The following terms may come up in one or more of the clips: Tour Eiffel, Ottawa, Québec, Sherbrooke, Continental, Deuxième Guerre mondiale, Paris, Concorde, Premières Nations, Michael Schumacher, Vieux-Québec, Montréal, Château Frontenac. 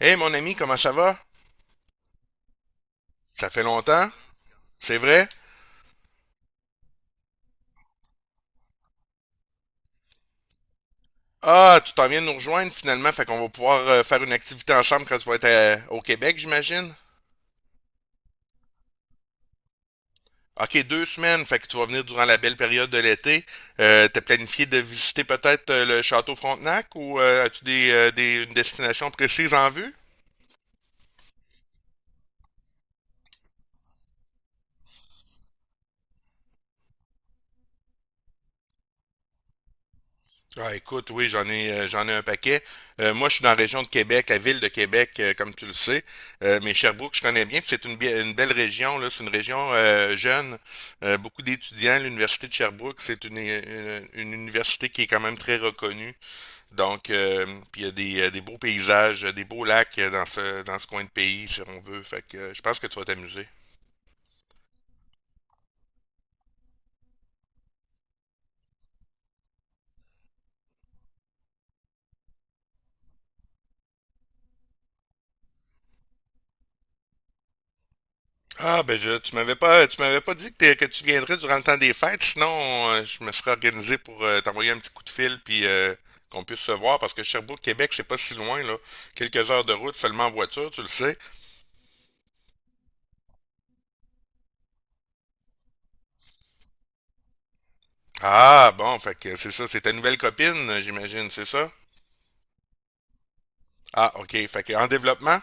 Hey, mon ami, comment ça va? Ça fait longtemps? C'est vrai? Ah, tu t'en viens de nous rejoindre finalement, fait qu'on va pouvoir faire une activité en chambre quand tu vas être au Québec, j'imagine? Ok, 2 semaines, fait que tu vas venir durant la belle période de l'été. T'as planifié de visiter peut-être le château Frontenac ou as-tu une destination précise en vue? Ah, écoute, oui, j'en ai un paquet. Moi, je suis dans la région de Québec, la ville de Québec, comme tu le sais. Mais Sherbrooke, je connais bien, puis c'est une belle région, là. C'est une région jeune. Beaucoup d'étudiants. L'université de Sherbrooke, c'est une université qui est quand même très reconnue. Donc, puis il y a des beaux paysages, des beaux lacs dans dans ce coin de pays, si on veut. Fait que je pense que tu vas t'amuser. Ah, ben, je, tu m'avais pas dit que, que tu viendrais durant le temps des fêtes, sinon je me serais organisé pour t'envoyer un petit coup de fil puis qu'on puisse se voir parce que Sherbrooke, Québec, c'est pas si loin là, quelques heures de route seulement en voiture, tu le sais. Ah, bon, fait que c'est ça, c'est ta nouvelle copine, j'imagine, c'est ça? Ah, ok, fait que en développement?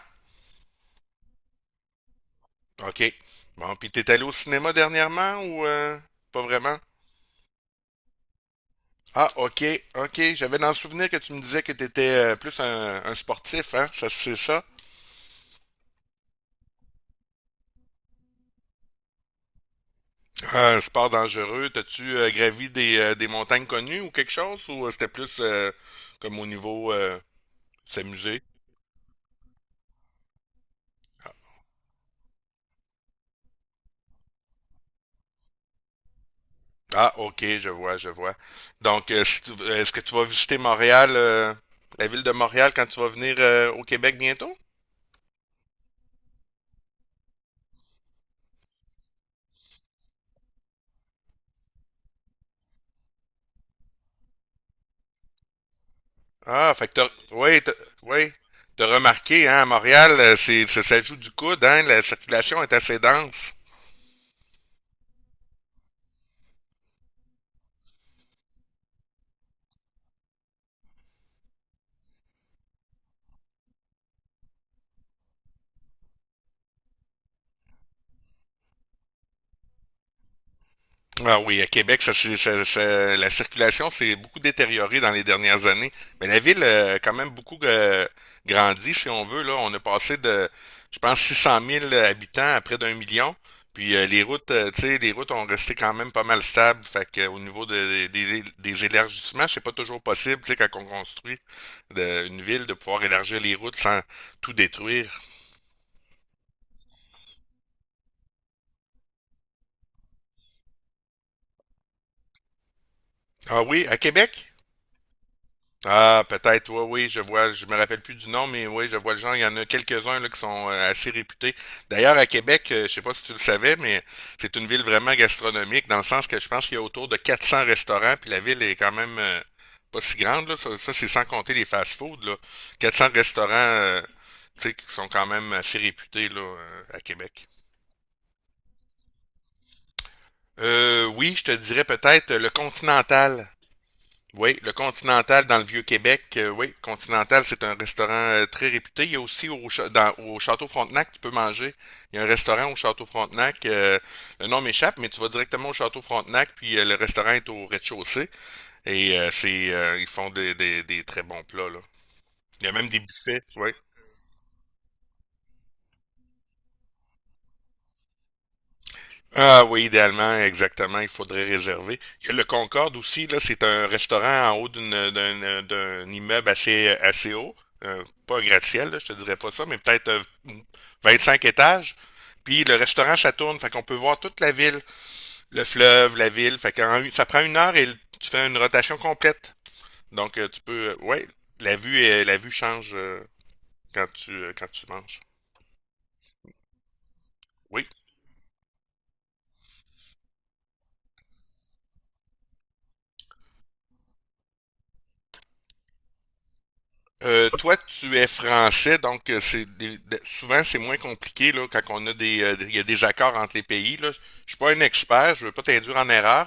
Ok. Bon, puis t'es allé au cinéma dernièrement ou pas vraiment? Ah, ok, ok. J'avais dans le souvenir que tu me disais que t'étais plus un sportif, hein? Ça, c'est ça? Un sport dangereux, t'as-tu gravi des montagnes connues ou quelque chose? Ou c'était plus comme au niveau s'amuser? Ah, ok, je vois, je vois. Donc, si tu- est-ce que tu vas visiter Montréal, la ville de Montréal, quand tu vas venir au Québec bientôt? Ah, fait que t'as, oui, t'as, oui, t'as remarqué, hein, à Montréal, c'est, ça joue du coude, hein, la circulation est assez dense. Ah oui, à Québec, ça, c'est- ça- ça- la circulation s'est beaucoup détériorée dans les dernières années. Mais la ville a quand même beaucoup grandi, si on veut. Là, on a passé de, je pense, 600 000 habitants à près d'1 million. Puis les routes, tu sais, les routes ont resté quand même pas mal stables. Fait que, au niveau des élargissements, c'est pas toujours possible, tu sais, quand on construit une ville, de pouvoir élargir les routes sans tout détruire. Ah oui, à Québec? Ah, peut-être, oui, oui, je vois, je me rappelle plus du nom, mais oui, je vois le genre, il y en a quelques-uns là, qui sont assez réputés. D'ailleurs, à Québec, je sais pas si tu le savais, mais c'est une ville vraiment gastronomique, dans le sens que je pense qu'il y a autour de 400 restaurants, puis la ville est quand même pas si grande, là. Ça, c'est sans compter les fast-foods, là. Quatre cents restaurants, tu sais, qui sont quand même assez réputés, là, à Québec. Oui, je te dirais peut-être le Continental. Oui, le Continental dans le Vieux-Québec. Oui, Continental, c'est un restaurant très réputé. Il y a aussi au Château Frontenac, tu peux manger. Il y a un restaurant au Château Frontenac. Le nom m'échappe, mais tu vas directement au Château Frontenac, puis le restaurant est au rez-de-chaussée. Et ils font des très bons plats, là. Il y a même des buffets. Oui. Ah oui, idéalement, exactement, il faudrait réserver. Il y a le Concorde aussi, là, c'est un restaurant en haut d'un immeuble assez haut. Pas un gratte-ciel, là, je te dirais pas ça, mais peut-être 25 étages. Puis le restaurant, ça tourne, fait qu'on peut voir toute la ville, le fleuve, la ville. Fait ça prend une heure et tu fais une rotation complète. Donc tu peux, ouais, la vue change quand tu manges. Oui. Toi, tu es français, donc souvent c'est moins compliqué là, quand on a des, il y a des accords entre les pays. Là. Je suis pas un expert, je veux pas t'induire en erreur,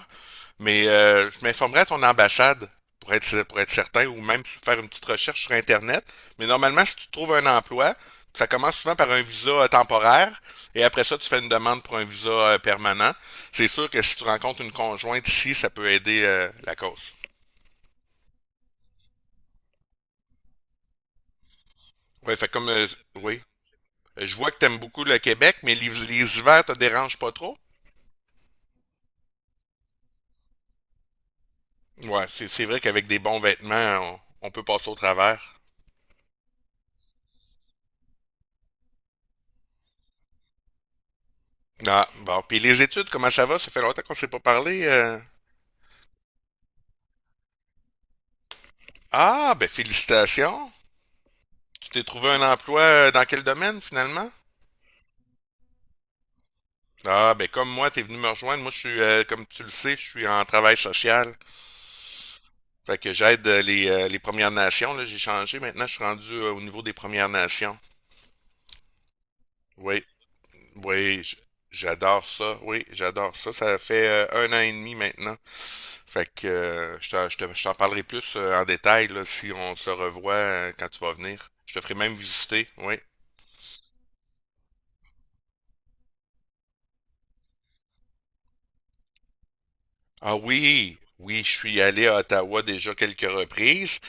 mais je m'informerai à ton ambassade pour être certain, ou même faire une petite recherche sur Internet. Mais normalement, si tu trouves un emploi, ça commence souvent par un visa temporaire, et après ça, tu fais une demande pour un visa permanent. C'est sûr que si tu rencontres une conjointe ici, ça peut aider la cause. Ouais, fait comme oui. Je vois que t'aimes beaucoup le Québec, mais les hivers te dérangent pas trop? Ouais, c'est vrai qu'avec des bons vêtements, on peut passer au travers. Ah, bon. Puis les études, comment ça va? Ça fait longtemps qu'on s'est pas parlé. Ah, ben félicitations. Tu t'es trouvé un emploi dans quel domaine finalement? Ah, ben comme moi, t'es venu me rejoindre. Moi, je suis, comme tu le sais, je suis en travail social. Fait que j'aide les Premières Nations. Là, j'ai changé. Maintenant, je suis rendu au niveau des Premières Nations. Oui, oui, j'adore ça. Oui, j'adore ça. Ça fait un an et demi maintenant. Fait que je t'en parlerai plus en détail là, si on se revoit quand tu vas venir. Je te ferai même visiter, oui. Ah oui, oui, je suis allé à Ottawa déjà quelques reprises.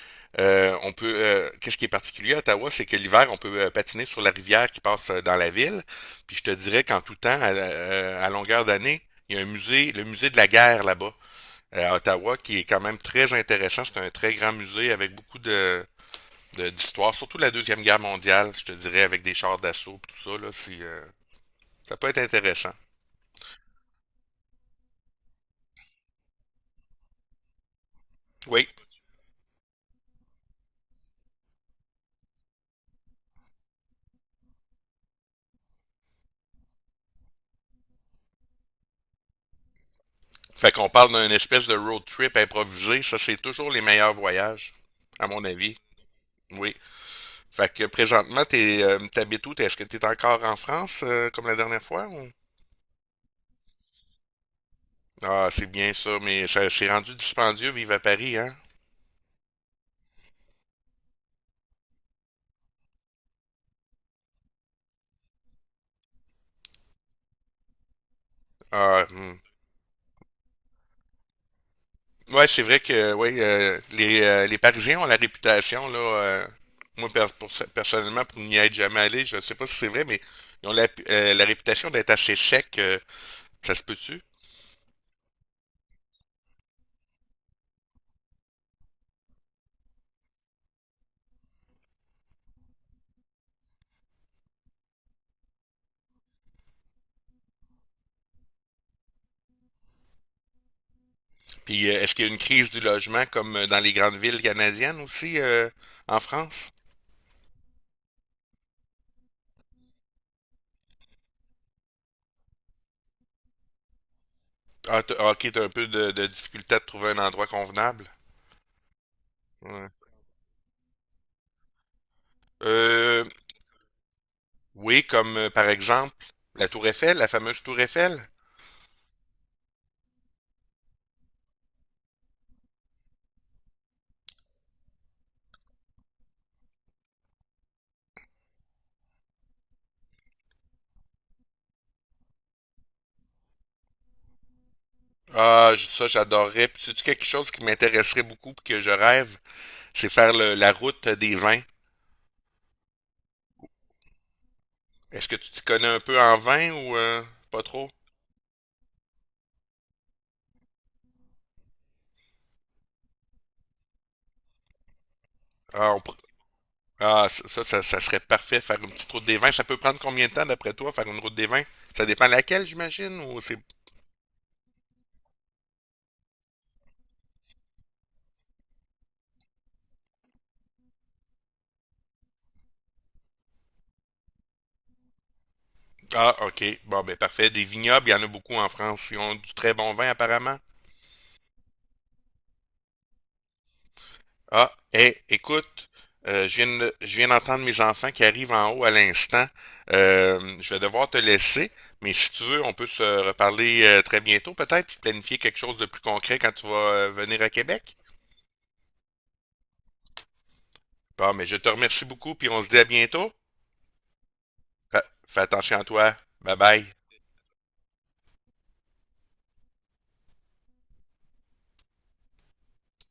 On peut, qu'est-ce qui est particulier à Ottawa, c'est que l'hiver, on peut patiner sur la rivière qui passe dans la ville. Puis je te dirais qu'en tout temps, à longueur d'année, il y a un musée, le musée de la guerre là-bas. À Ottawa, qui est quand même très intéressant. C'est un très grand musée avec beaucoup de d'histoire, surtout la Deuxième Guerre mondiale, je te dirais, avec des chars d'assaut et tout ça, là, ça peut être intéressant. Oui. Fait qu'on parle d'une espèce de road trip improvisé, ça c'est toujours les meilleurs voyages, à mon avis. Oui. Fait que présentement, t'habites où? Est-ce que t'es encore en France, comme la dernière fois, ou? Ah, c'est bien ça, mais ça, c'est rendu dispendieux, vivre à Paris, hein? Ah, hmm. Ouais, c'est vrai que ouais, les Parisiens ont la réputation, là. Moi, personnellement, pour n'y être jamais allé, je ne sais pas si c'est vrai, mais ils ont la, la réputation d'être assez secs. Ça se peut-tu? Puis, est-ce qu'il y a une crise du logement comme dans les grandes villes canadiennes aussi, en France? Ah, ok, t'as un peu de difficulté à te trouver un endroit convenable. Ouais. Euh, oui, comme par exemple la Tour Eiffel, la fameuse Tour Eiffel. Ah, ça, j'adorerais. Puis, sais-tu quelque chose qui m'intéresserait beaucoup puis que je rêve, c'est faire la route des vins. Est-ce que tu t'y connais un peu en vin ou pas trop? Ah, on pr- ah, ça serait parfait, faire une petite route des vins. Ça peut prendre combien de temps, d'après toi, faire une route des vins? Ça dépend laquelle, j'imagine, ou c'est... Ah, ok. Bon, ben parfait. Des vignobles, il y en a beaucoup en France. Ils ont du très bon vin, apparemment. Ah, hé, écoute, je viens d'entendre mes enfants qui arrivent en haut à l'instant. Je vais devoir te laisser, mais si tu veux, on peut se reparler très bientôt peut-être, puis planifier quelque chose de plus concret quand tu vas venir à Québec. Bon, mais je te remercie beaucoup, puis on se dit à bientôt. Fais attention à toi. Bye bye.